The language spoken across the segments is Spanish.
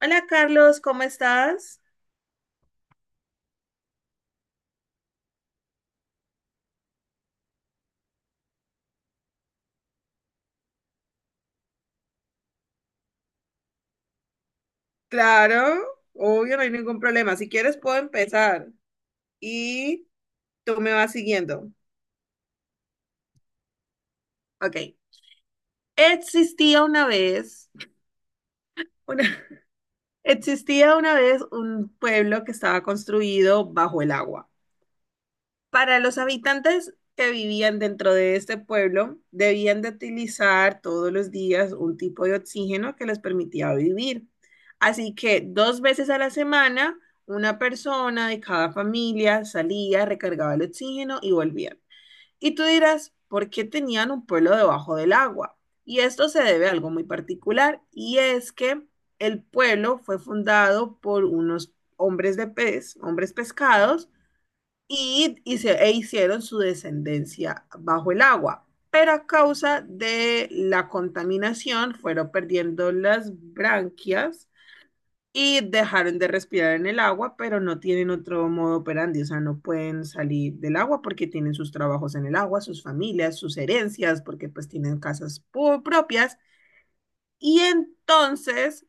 Hola Carlos, ¿cómo estás? Claro, obvio, no hay ningún problema. Si quieres, puedo empezar y tú me vas siguiendo. Ok. Existía una vez, una- existía una vez un pueblo que estaba construido bajo el agua. Para los habitantes que vivían dentro de este pueblo, debían de utilizar todos los días un tipo de oxígeno que les permitía vivir. Así que dos veces a la semana, una persona de cada familia salía, recargaba el oxígeno y volvía. Y tú dirás, ¿por qué tenían un pueblo debajo del agua? Y esto se debe a algo muy particular, y es que el pueblo fue fundado por unos hombres de pez, hombres pescados, e hicieron su descendencia bajo el agua, pero a causa de la contaminación fueron perdiendo las branquias y dejaron de respirar en el agua, pero no tienen otro modo operandi, o sea, no pueden salir del agua porque tienen sus trabajos en el agua, sus familias, sus herencias, porque pues tienen casas propias. Y entonces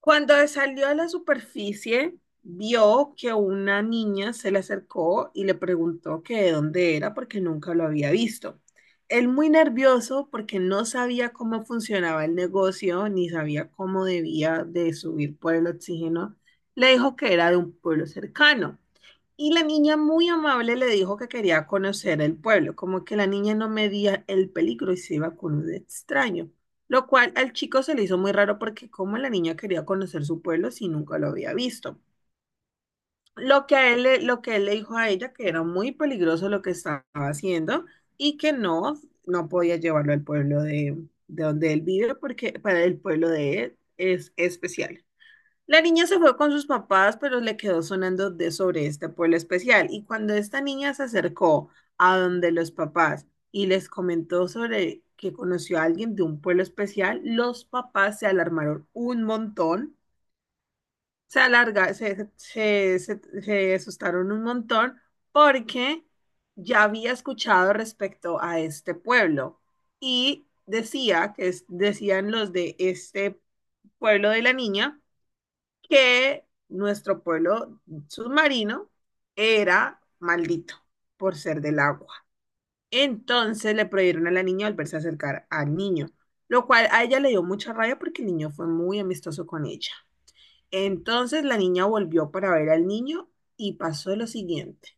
cuando salió a la superficie, vio que una niña se le acercó y le preguntó que de dónde era porque nunca lo había visto. Él muy nervioso porque no sabía cómo funcionaba el negocio ni sabía cómo debía de subir por el oxígeno, le dijo que era de un pueblo cercano. Y la niña muy amable le dijo que quería conocer el pueblo, como que la niña no medía el peligro y se iba con un extraño, lo cual al chico se le hizo muy raro porque como la niña quería conocer su pueblo si nunca lo había visto. Lo que él le dijo a ella que era muy peligroso lo que estaba haciendo y que no, no podía llevarlo al pueblo de donde él vive porque para el pueblo de él es especial. La niña se fue con sus papás, pero le quedó sonando de sobre este pueblo especial. Y cuando esta niña se acercó a donde los papás y les comentó sobre que conoció a alguien de un pueblo especial, los papás se alarmaron un montón, se alarga, se asustaron un montón porque ya había escuchado respecto a este pueblo y decían los de este pueblo de la niña que nuestro pueblo submarino era maldito por ser del agua. Entonces le prohibieron a la niña volverse a acercar al niño, lo cual a ella le dio mucha rabia porque el niño fue muy amistoso con ella. Entonces la niña volvió para ver al niño y pasó lo siguiente.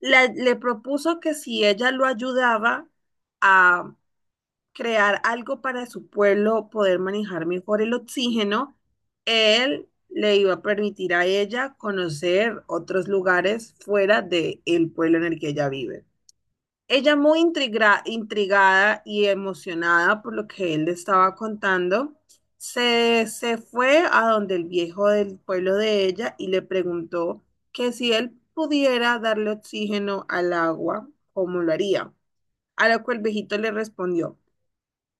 Le propuso que si ella lo ayudaba a crear algo para su pueblo, poder manejar mejor el oxígeno, él le iba a permitir a ella conocer otros lugares fuera del pueblo en el que ella vive. Ella muy intrigada y emocionada por lo que él le estaba contando, se fue a donde el viejo del pueblo de ella y le preguntó que si él pudiera darle oxígeno al agua, ¿cómo lo haría? A lo que el viejito le respondió,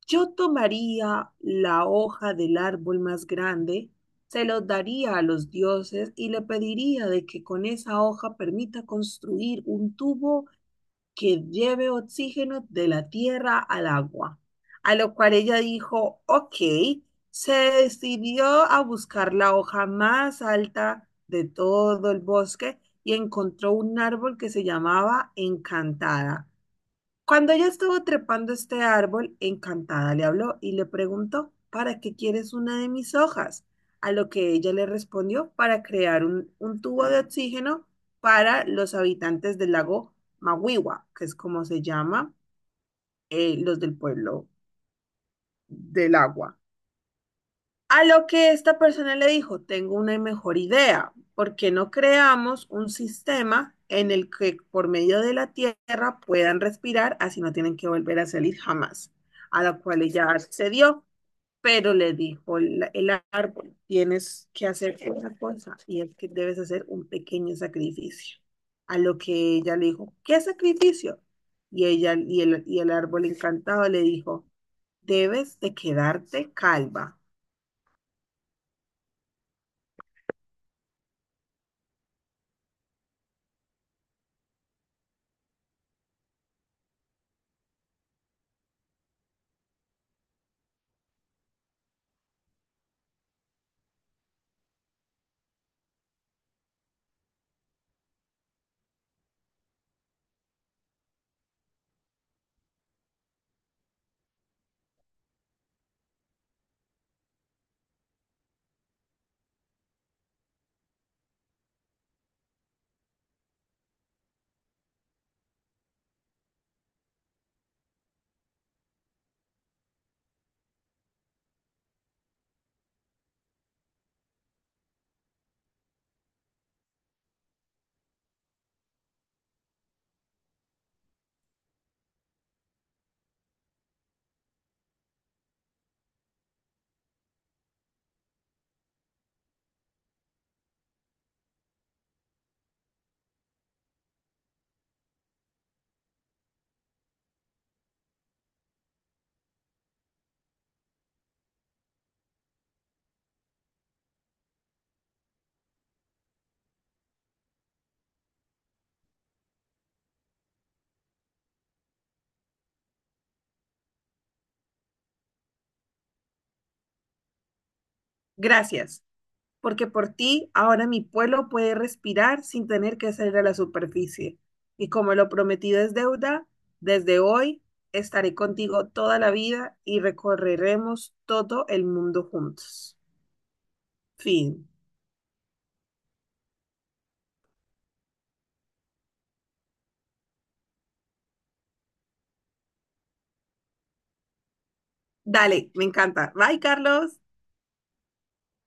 yo tomaría la hoja del árbol más grande, se los daría a los dioses y le pediría de que con esa hoja permita construir un tubo que lleve oxígeno de la tierra al agua. A lo cual ella dijo, ok, se decidió a buscar la hoja más alta de todo el bosque y encontró un árbol que se llamaba Encantada. Cuando ella estuvo trepando este árbol, Encantada le habló y le preguntó, ¿para qué quieres una de mis hojas? A lo que ella le respondió, para crear un tubo de oxígeno para los habitantes del lago Mawiwa, que es como se llama, los del pueblo del agua. A lo que esta persona le dijo, tengo una mejor idea, ¿por qué no creamos un sistema en el que por medio de la tierra puedan respirar, así no tienen que volver a salir jamás? A la cual ella accedió, pero le dijo el árbol, tienes que hacer una cosa y es que debes hacer un pequeño sacrificio. A lo que ella le dijo, ¿qué sacrificio? Y el árbol encantado le dijo, debes de quedarte calva. Gracias, porque por ti ahora mi pueblo puede respirar sin tener que salir a la superficie. Y como lo prometido es deuda, desde hoy estaré contigo toda la vida y recorreremos todo el mundo juntos. Fin. Dale, me encanta. Bye, Carlos.